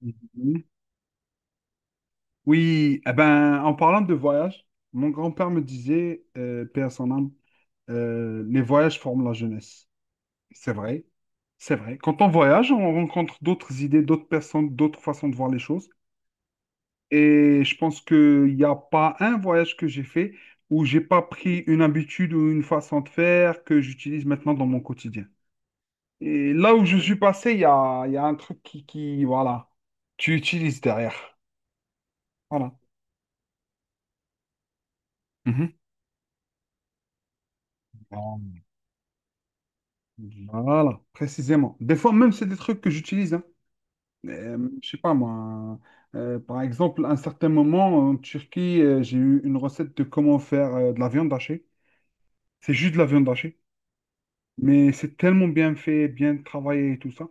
Mhm. Oui, eh ben, en parlant de voyage, mon grand-père me disait, paix à son âme, les voyages forment la jeunesse. C'est vrai, c'est vrai. Quand on voyage, on rencontre d'autres idées, d'autres personnes, d'autres façons de voir les choses. Et je pense qu'il n'y a pas un voyage que j'ai fait où j'ai pas pris une habitude ou une façon de faire que j'utilise maintenant dans mon quotidien. Et là où je suis passé, il y a un truc qui, voilà, tu utilises derrière. Voilà. Mhm. Voilà, précisément. Des fois, même, c'est des trucs que j'utilise. Hein. Euh, je sais pas moi. Par exemple, à un certain moment, en Turquie, j'ai eu une recette de comment faire de la viande hachée. C'est juste de la viande hachée. Mais c'est tellement bien fait, bien travaillé et tout ça,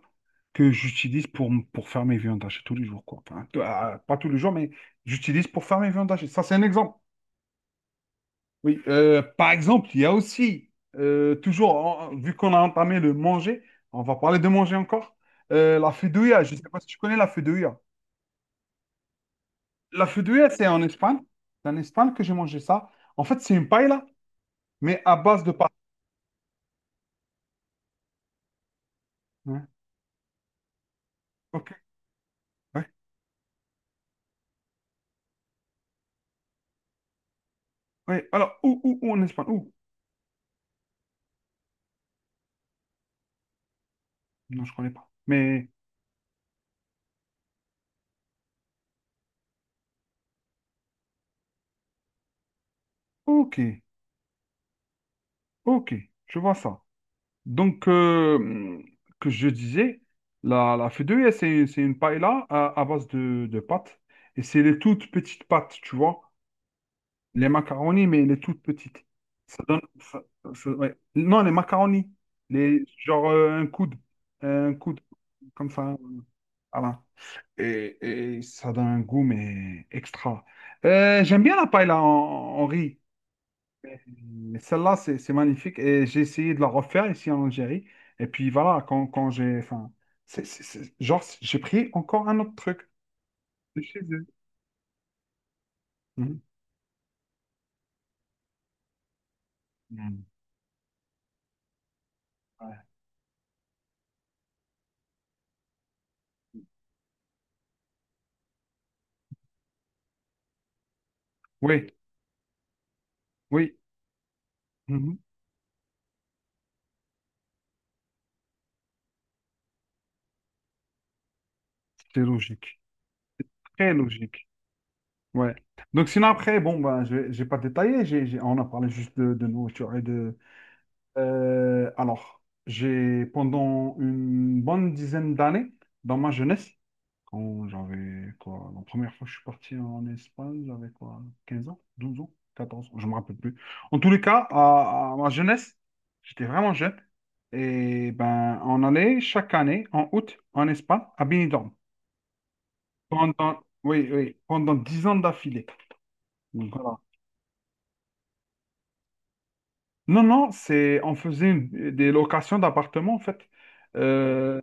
que j'utilise pour faire mes viandes hachées tous les jours, quoi. Enfin, pas tous les jours, mais j'utilise pour faire mes viandes hachées. Ça, c'est un exemple. Oui, par exemple, il y a aussi, toujours, vu qu'on a entamé le manger, on va parler de manger encore, la fideuà, je ne sais pas si tu connais la fideuà. La fideuà, c'est en Espagne que j'ai mangé ça. En fait, c'est une paella, mais à base de pâtes. Ouais. Ok, ouais, ouais. Alors, où en Espagne? Où? Non, je ne connais pas. Mais, ok, ok, je vois ça. Donc, que je disais, la fideuà, c'est une paella à base de pâtes. Et c'est les toutes petites pâtes, tu vois. Les macaronis, mais les toutes petites. Ça donne, ouais. Non, les macaronis. Les, genre, un coude. Un coude, comme ça. Voilà. Et, et ça donne un goût, mais extra. J'aime bien la paella en riz. Mais celle-là, c'est magnifique. Et j'ai essayé de la refaire ici en Algérie. Et puis voilà, quand j'ai. Enfin, genre, j'ai pris encore un autre truc de chez eux. Mhm. Mhm. Ouais. Oui, oui. Mhm. C'est logique. Très logique. Ouais. Donc, sinon, après, bon, ben, je n'ai pas détaillé. On a parlé juste de nourriture et de. Alors, j'ai, pendant une bonne dizaine d'années, dans ma jeunesse, quand j'avais quoi, la première fois que je suis parti en Espagne, j'avais quoi, 15 ans, 12 ans, 14 ans, je me rappelle plus. En tous les cas, à ma jeunesse, j'étais vraiment jeune. Et ben, on allait chaque année, en août, en Espagne, à Benidorm. Oui, oui, pendant 10 ans d'affilée. Donc, voilà. Non, non, on faisait des locations d'appartements, en fait. Euh,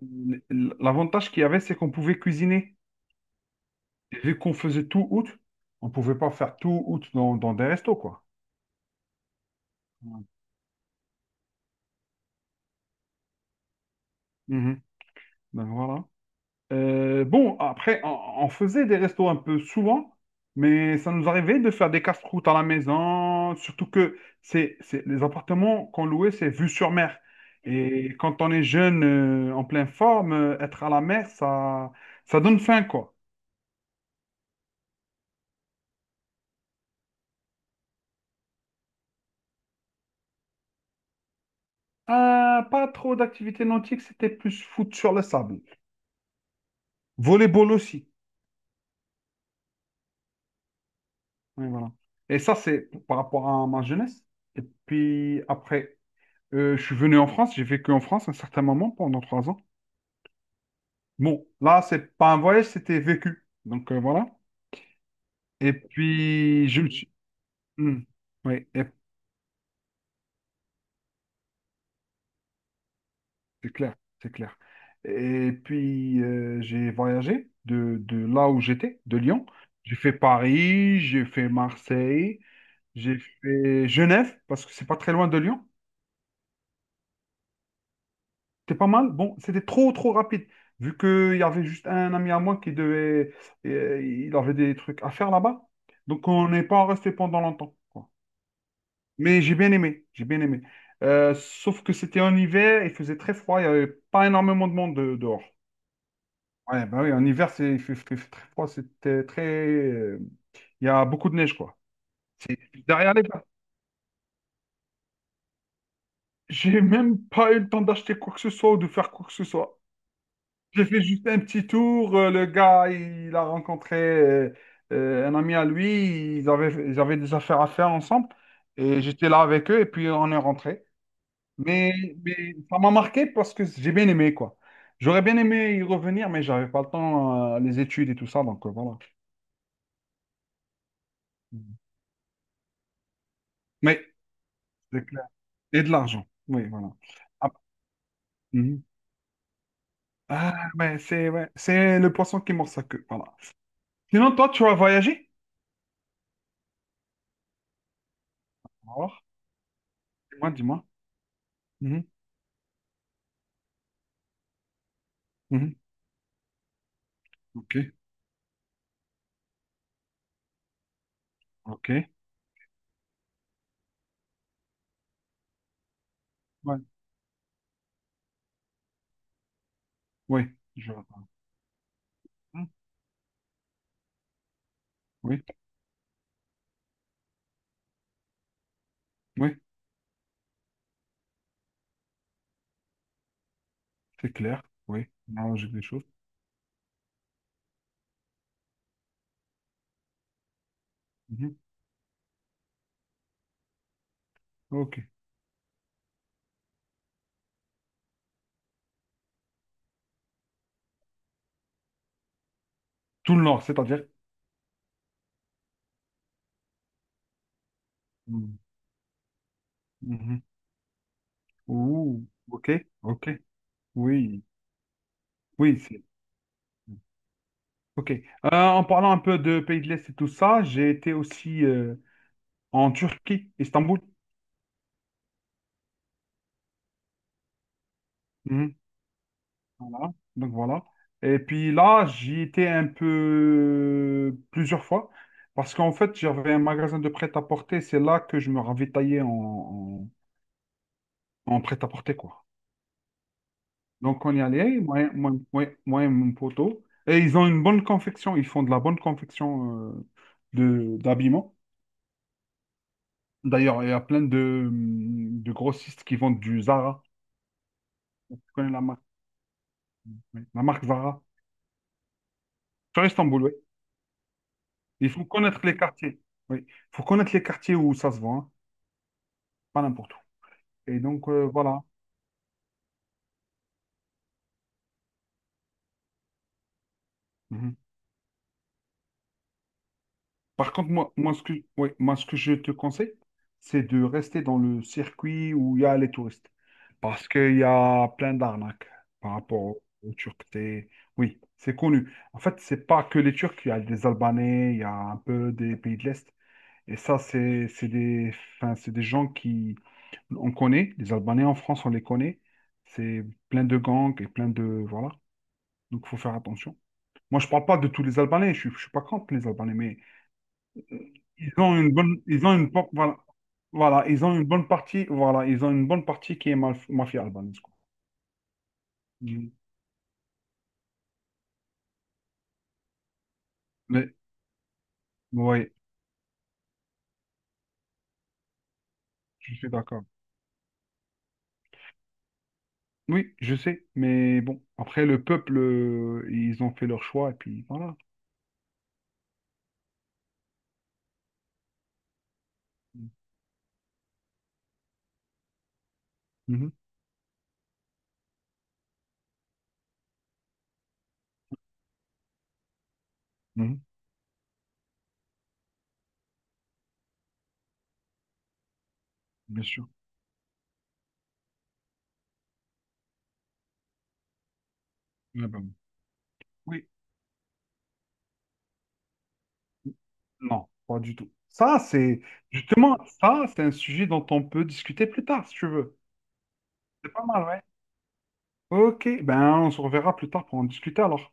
l'avantage qu'il y avait, c'est qu'on pouvait cuisiner. Et vu qu'on faisait tout août, on pouvait pas faire tout août dans des restos, quoi. Ouais. Mhm. Donc voilà. Bon, après, on faisait des restos un peu souvent, mais ça nous arrivait de faire des casse-croûtes à la maison, surtout que c'est les appartements qu'on louait, c'est vue sur mer. Et quand on est jeune, en pleine forme, être à la mer, ça donne faim, quoi. Pas trop d'activités nautiques, c'était plus foot sur le sable. Volleyball aussi. Oui, voilà. Et ça, c'est par rapport à ma jeunesse. Et puis après, je suis venu en France, j'ai vécu en France un certain moment pendant 3 ans. Bon, là, c'est pas un voyage, c'était vécu. Donc voilà. Et puis, je me suis. Hmm. Oui. C'est clair, c'est clair. Et puis, j'ai voyagé de là où j'étais, de Lyon. J'ai fait Paris, j'ai fait Marseille, j'ai fait Genève, parce que c'est pas très loin de Lyon. C'était pas mal. Bon, c'était trop, trop rapide. Vu qu'il y avait juste un ami à moi qui devait. Il avait des trucs à faire là-bas. Donc, on n'est pas resté pendant longtemps, quoi. Mais j'ai bien aimé. J'ai bien aimé. Sauf que c'était en hiver, il faisait très froid. Il n'y avait pas énormément de monde dehors. Ouais, bah oui, en hiver, il fait très froid. C'était très. Il y a beaucoup de neige, quoi. C'est derrière les. J'ai même pas eu le temps d'acheter quoi que ce soit ou de faire quoi que ce soit. J'ai fait juste un petit tour. Le gars, il a rencontré un ami à lui. Ils avaient des affaires à faire ensemble. Et j'étais là avec eux et puis on est rentré. Mais, mais ça m'a marqué parce que j'ai bien aimé, quoi. J'aurais bien aimé y revenir, mais j'avais pas le temps, les études et tout ça. Donc voilà. Mais, c'est clair. Et de l'argent. Oui, voilà. Ah, mhm. Ah, ouais, c'est le poisson qui mord sa queue. Voilà. Sinon, toi, tu as voyagé? Alors, dis-moi, dis-moi. Mhm, mhm. Ok. Ok, ouais, oui, je vois. Hmm, oui, oui, c'est clair, oui, non, j'ai des choses. Mhm, ok, tout le nord, c'est-à-dire. Mhm, mhm. Ouh, ok, ok, oui, oui, c'est. Mmh. Ok, en parlant un peu de pays de l'Est et tout ça, j'ai été aussi en Turquie, Istanbul. Mhm, voilà, donc voilà. Et puis là, j'y étais un peu plusieurs fois parce qu'en fait, j'avais un magasin de prêt-à-porter, c'est là que je me ravitaillais en prêt-à-porter, quoi. Donc, on y allait, moi et mon poteau. Et ils ont une bonne confection, ils font de la bonne confection de d'habillement. D'ailleurs, il y a plein de grossistes qui vendent du Zara. Tu connais la marque, oui, la marque Zara. Sur Istanbul, oui. Il faut connaître les quartiers. Oui, il faut connaître les quartiers où ça se vend, hein. Pas n'importe où. Et donc, voilà. Mhm. Par contre, moi, ouais, moi, ce que je te conseille, c'est de rester dans le circuit où il y a les touristes. Parce qu'il y a plein d'arnaques par rapport aux Turcs. Oui, c'est connu. En fait, c'est pas que les Turcs, il y a des Albanais, il y a un peu des pays de l'Est. Et ça, c'est des, enfin, c'est des gens qui, on connaît, les Albanais en France, on les connaît. C'est plein de gangs et plein de, voilà. Donc, il faut faire attention. Moi, je parle pas de tous les Albanais, je suis pas contre les Albanais, mais ils ont une bonne, ils ont une, por- voilà, voilà, ils ont une bonne partie, voilà, ils ont une bonne partie qui est mafia albanaise, quoi. Mm. Mais, oui, je suis d'accord. Oui, je sais, mais bon, après, le peuple, ils ont fait leur choix, et puis voilà. Mm. Mhm, mhm, bien sûr. Ah ben, oui, oui, non, pas du tout. Justement, ça, c'est un sujet dont on peut discuter plus tard, si tu veux. C'est pas mal, ouais. Ok, ben, on se reverra plus tard pour en discuter, alors.